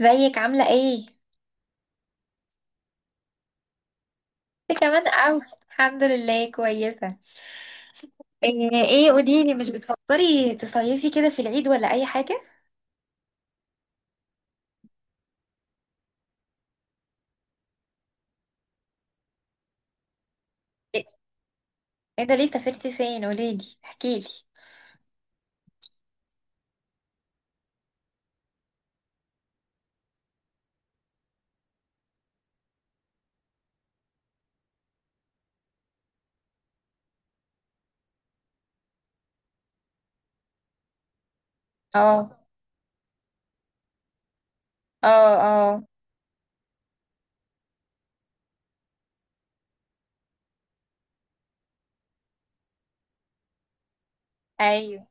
ازيك عاملة ايه؟ انت كمان اوي. الحمد لله كويسة. ايه، قوليلي، مش بتفكري تصيفي كده في العيد ولا اي حاجة؟ ايه ده، ليه سافرتي فين؟ قوليلي احكيلي. اه اه اه. ايوه.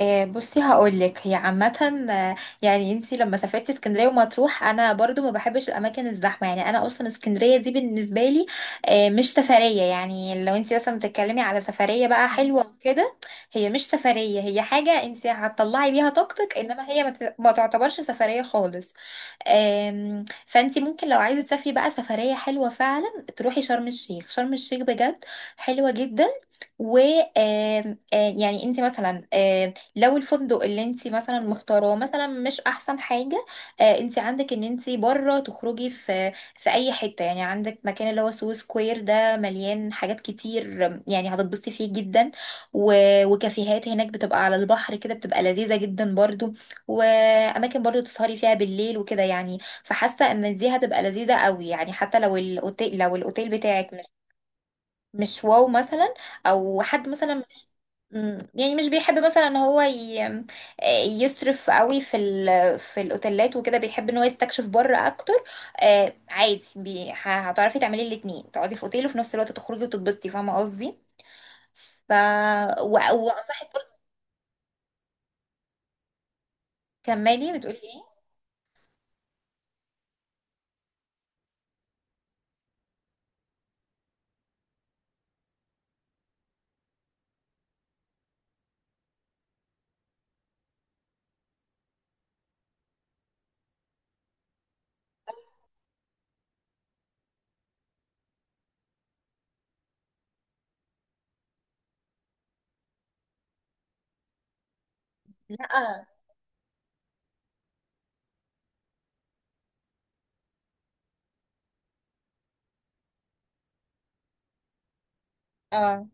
بصي هقولك، هي عامة. يعني انتي لما سافرت اسكندرية ومطروح، انا برضو ما بحبش الاماكن الزحمة. يعني انا اصلا اسكندرية دي بالنسبة لي، مش سفرية. يعني لو انتي مثلا بتتكلمي على سفرية بقى حلوة وكده، هي مش سفرية. هي حاجة انتي هتطلعي بيها طاقتك، انما هي ما تعتبرش سفرية خالص. فانتي ممكن لو عايزة تسافري بقى سفرية حلوة فعلا تروحي شرم الشيخ. شرم الشيخ بجد حلوة جدا. و آم، آه، يعني انت مثلا، لو الفندق اللي انت مثلا مختاراه مثلا مش احسن حاجه، آه انت عندك ان انت بره تخرجي في اي حته. يعني عندك مكان اللي هو سو سكوير، ده مليان حاجات كتير. يعني هتتبسطي فيه جدا. و... وكافيهات هناك بتبقى على البحر كده، بتبقى لذيذه جدا برضو. واماكن برضو تسهري فيها بالليل وكده يعني. فحاسه ان دي هتبقى لذيذه قوي يعني، حتى لو الاوتيل، لو الاوتيل بتاعك مش واو مثلا، او حد مثلا يعني مش بيحب مثلا ان هو يصرف قوي في الاوتيلات وكده، بيحب ان هو يستكشف بره اكتر. آه عادي. هتعرفي تعملي الاتنين، تقعدي في اوتيل وفي نفس الوقت تخرجي وتتبسطي، فاهمه قصدي. ف و... وانصحك برضه. كملي بتقولي ايه. لا. اه.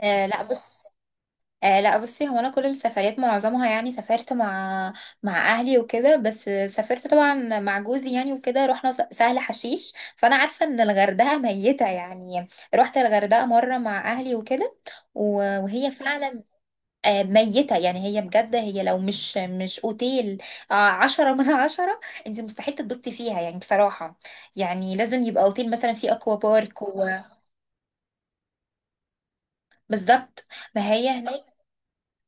لا بص. لا بصي، هو انا كل السفريات معظمها يعني سافرت مع اهلي وكده، بس سافرت طبعا مع جوزي يعني وكده، رحنا سهل حشيش، فانا عارفه ان الغردقه ميته يعني. رحت الغردقه مره مع اهلي وكده، وهي فعلا ميته يعني. هي بجد، هي لو مش اوتيل، 10 من 10، انت مستحيل تتبسطي فيها يعني بصراحه. يعني لازم يبقى اوتيل مثلا فيه اكوا بارك بالظبط. ما هي هناك.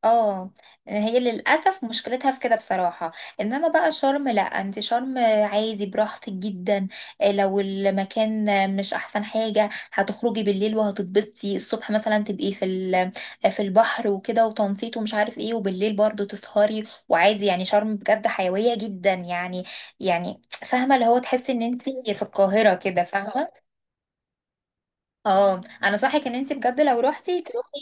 اه، هي للأسف مشكلتها في كده بصراحة. انما بقى شرم، لا انت شرم عادي براحتك جدا. لو المكان مش احسن حاجة، هتخرجي بالليل وهتتبسطي الصبح مثلا، تبقي في البحر وكده وتنطيط ومش عارف ايه، وبالليل برضو تسهري. وعادي يعني شرم بجد حيوية جدا يعني. يعني فاهمة اللي هو تحسي ان انت في القاهرة كده، فاهمة. اه، انا صحك ان انت بجد لو روحتي تروحي.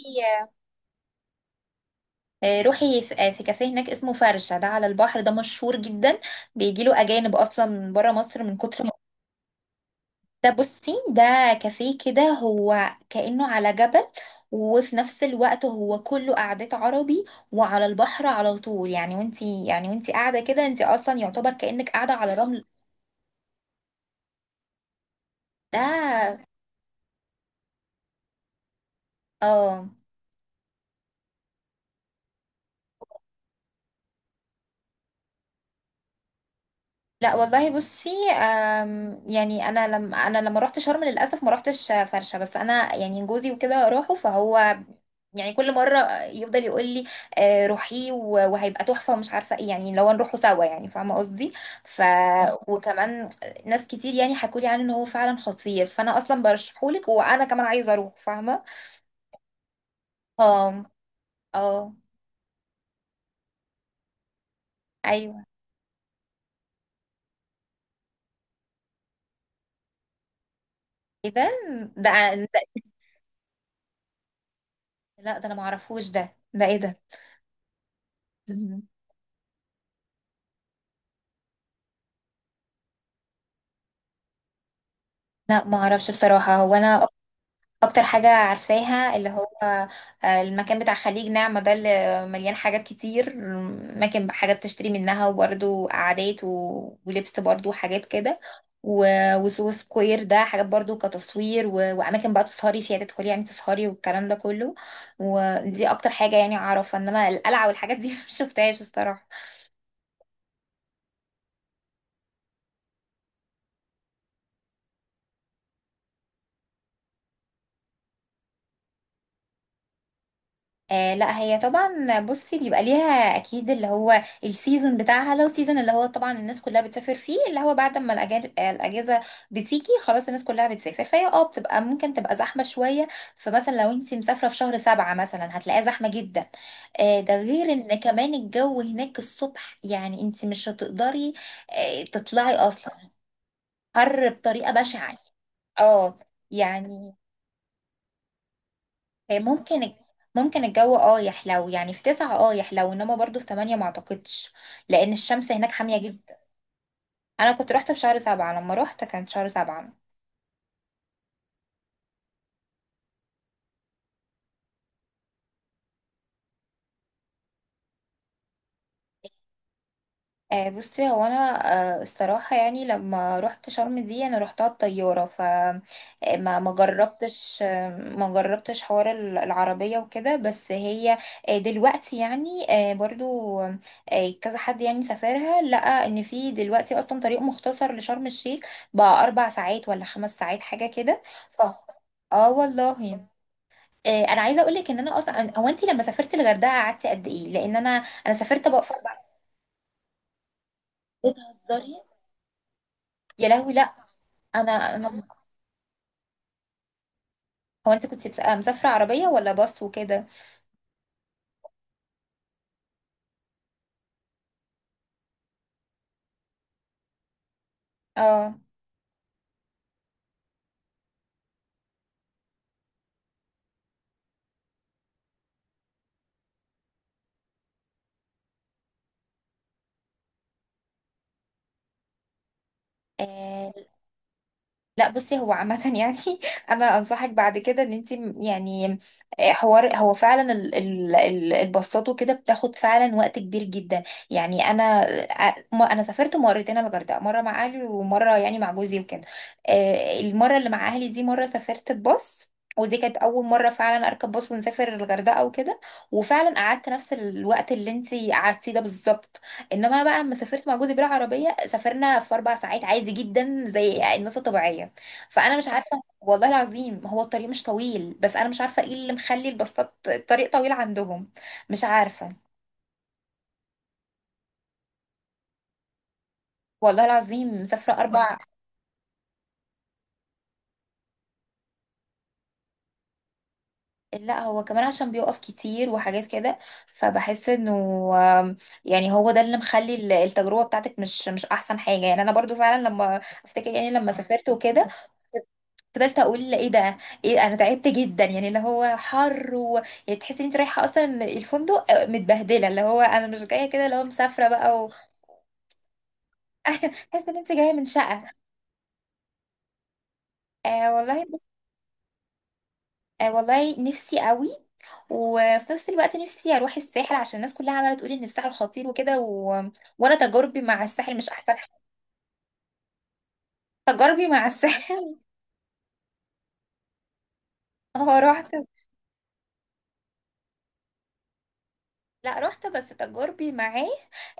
روحي في في كافيه هناك اسمه فرشة، ده على البحر، ده مشهور جدا. بيجيله أجانب أصلا من برا مصر من كتر ما بصي، ده كافيه كده هو كأنه على جبل، وفي نفس الوقت هو كله قعدات عربي، وعلى البحر على طول يعني. وانتي يعني وانتي قاعدة كده، انتي أصلا يعتبر كأنك قاعدة على رمل. ده. اه. لا والله بصي، يعني انا لما رحت شرم للاسف ما رحتش فرشه، بس انا يعني جوزي وكده راحوا، فهو يعني كل مرة يفضل يقول لي روحي وهيبقى تحفة ومش عارفة ايه يعني، لو نروحوا سوا يعني، فاهمة قصدي. ف وكمان ناس كتير يعني حكولي عنه ان هو فعلا خطير، فانا اصلا برشحهولك وانا كمان عايزة اروح، فاهمة. اه. اه. ايوه. ايه ده. ده ده- لا ده انا معرفوش، ده ايه ده. لا ما اعرفش بصراحة. هو انا اكتر حاجة عارفاها اللي هو المكان بتاع خليج نعمة ده، اللي مليان حاجات كتير. مكان حاجات تشتري منها وبرده قعدات ولبس برده وحاجات كده. وسو سكوير ده حاجات برضو كتصوير واماكن بقى تسهري فيها، تدخلي يعني تسهري والكلام ده كله. ودي اكتر حاجة يعني اعرفها. انما القلعة والحاجات دي مش شفتهاش الصراحة. آه لا، هي طبعا بصي بيبقى ليها اكيد اللي هو السيزون بتاعها. لو سيزون اللي هو طبعا الناس كلها بتسافر فيه اللي هو بعد ما الاجازه بتيجي خلاص، الناس كلها بتسافر، فهي اه بتبقى ممكن تبقى زحمه شويه. فمثلا لو انت مسافره في شهر 7 مثلا، هتلاقيها زحمه جدا. آه، ده غير ان كمان الجو هناك الصبح يعني انت مش هتقدري آه تطلعي اصلا. حر بطريقه بشعه اه يعني. آه، ممكن ممكن الجو اه يحلو يعني في 9، اه يحلو، انما برضو في 8 ما اعتقدش، لان الشمس هناك حامية جدا. انا كنت روحت في شهر 7، لما روحت كانت شهر 7. بصي هو انا، الصراحه يعني لما رحت شرم دي انا رحتها بطياره، ف ما جربتش، ما جربتش حوار العربيه وكده، بس هي دلوقتي يعني برضو كذا حد يعني سافرها لقى ان في دلوقتي اصلا طريق مختصر لشرم الشيخ، بقى 4 ساعات ولا 5 ساعات حاجه كده. ف اه والله. انا عايزه اقول لك ان انا اصلا، هو انت لما سافرتي الغردقه قعدتي قد ايه. لان انا، انا سافرت بقى في 4. بتهزري. يا لهوي لا. انا انا، هو انت كنت مسافره عربيه ولا باص وكده. اه. آه، لا بصي هو عامة يعني، أنا أنصحك بعد كده إن أنت يعني، حوار هو فعلا الباصات وكده بتاخد فعلا وقت كبير جدا. يعني أنا، أنا سافرت مرتين الغردقة، مرة مع أهلي ومرة يعني مع جوزي وكده. المرة اللي مع أهلي دي مرة سافرت بباص، ودي كانت أول مرة فعلا أركب باص ونسافر الغردقة وكده، وفعلا قعدت نفس الوقت اللي أنت قعدتيه ده بالظبط. إنما بقى لما سافرت مع جوزي بالعربية، سافرنا في 4 ساعات عادي جدا زي الناس الطبيعية. فانا مش عارفه والله العظيم، هو الطريق مش طويل، بس انا مش عارفه ايه اللي مخلي الباصات الطريق طويل عندهم. مش عارفه والله العظيم، مسافره 4. لا هو كمان عشان بيقف كتير وحاجات كده، فبحس انه آم، يعني هو ده اللي مخلي التجربه بتاعتك مش احسن حاجه. يعني انا برضو فعلا لما افتكر يعني لما سافرت وكده، فضلت اقول ايه ده، ايه انا تعبت جدا يعني اللي هو حر يعني تحسي ان انت رايحه اصلا الفندق متبهدله، اللي هو انا مش جايه كده اللي هو مسافره بقى. تحس ان انت جايه من شقه. آه والله بس. آه والله نفسي قوي، وفي نفس الوقت نفسي اروح الساحل عشان الناس كلها عماله تقول ان الساحل خطير وكده وانا تجاربي مع الساحل مش احسن حاجه. تجاربي مع الساحل. اه رحت. لا رحت، بس تجاربي معاه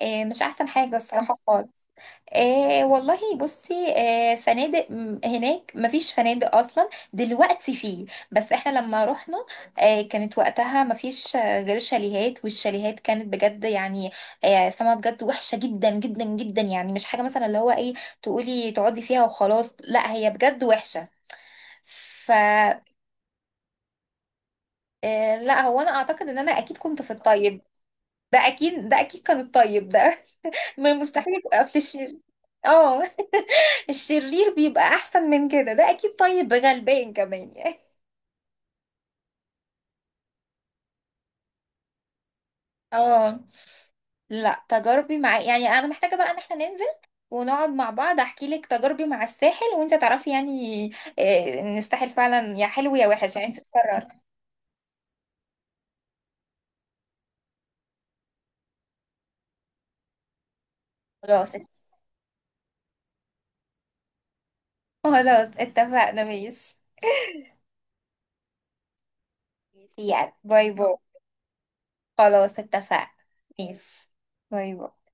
مش احسن حاجة الصراحة خالص. آه والله بصي، آه فنادق هناك مفيش فنادق اصلا، دلوقتي فيه، بس احنا لما رحنا، آه كانت وقتها مفيش غير شاليهات، والشاليهات كانت بجد يعني آه سما بجد وحشة جدا جدا جدا. يعني مش حاجة مثلا اللي هو ايه، تقولي تقعدي فيها وخلاص، لا هي بجد وحشة. ف لا هو انا اعتقد ان انا اكيد كنت في الطيب. ده اكيد، ده اكيد كان الطيب ده. ما مستحيل اصل الشر. اه. الشرير بيبقى احسن من كده، ده اكيد طيب غلبان كمان يعني. اه. لا تجاربي مع، يعني انا محتاجه بقى ان احنا ننزل ونقعد مع بعض، احكي لك تجاربي مع الساحل وانت تعرفي يعني ان الساحل فعلا يا حلو يا وحش يعني، انت تقرر. خلاص ات- خلاص اتفقنا ماشي. ماشي، يلا باي باي. خلاص اتفقنا. ماشي. باي باي.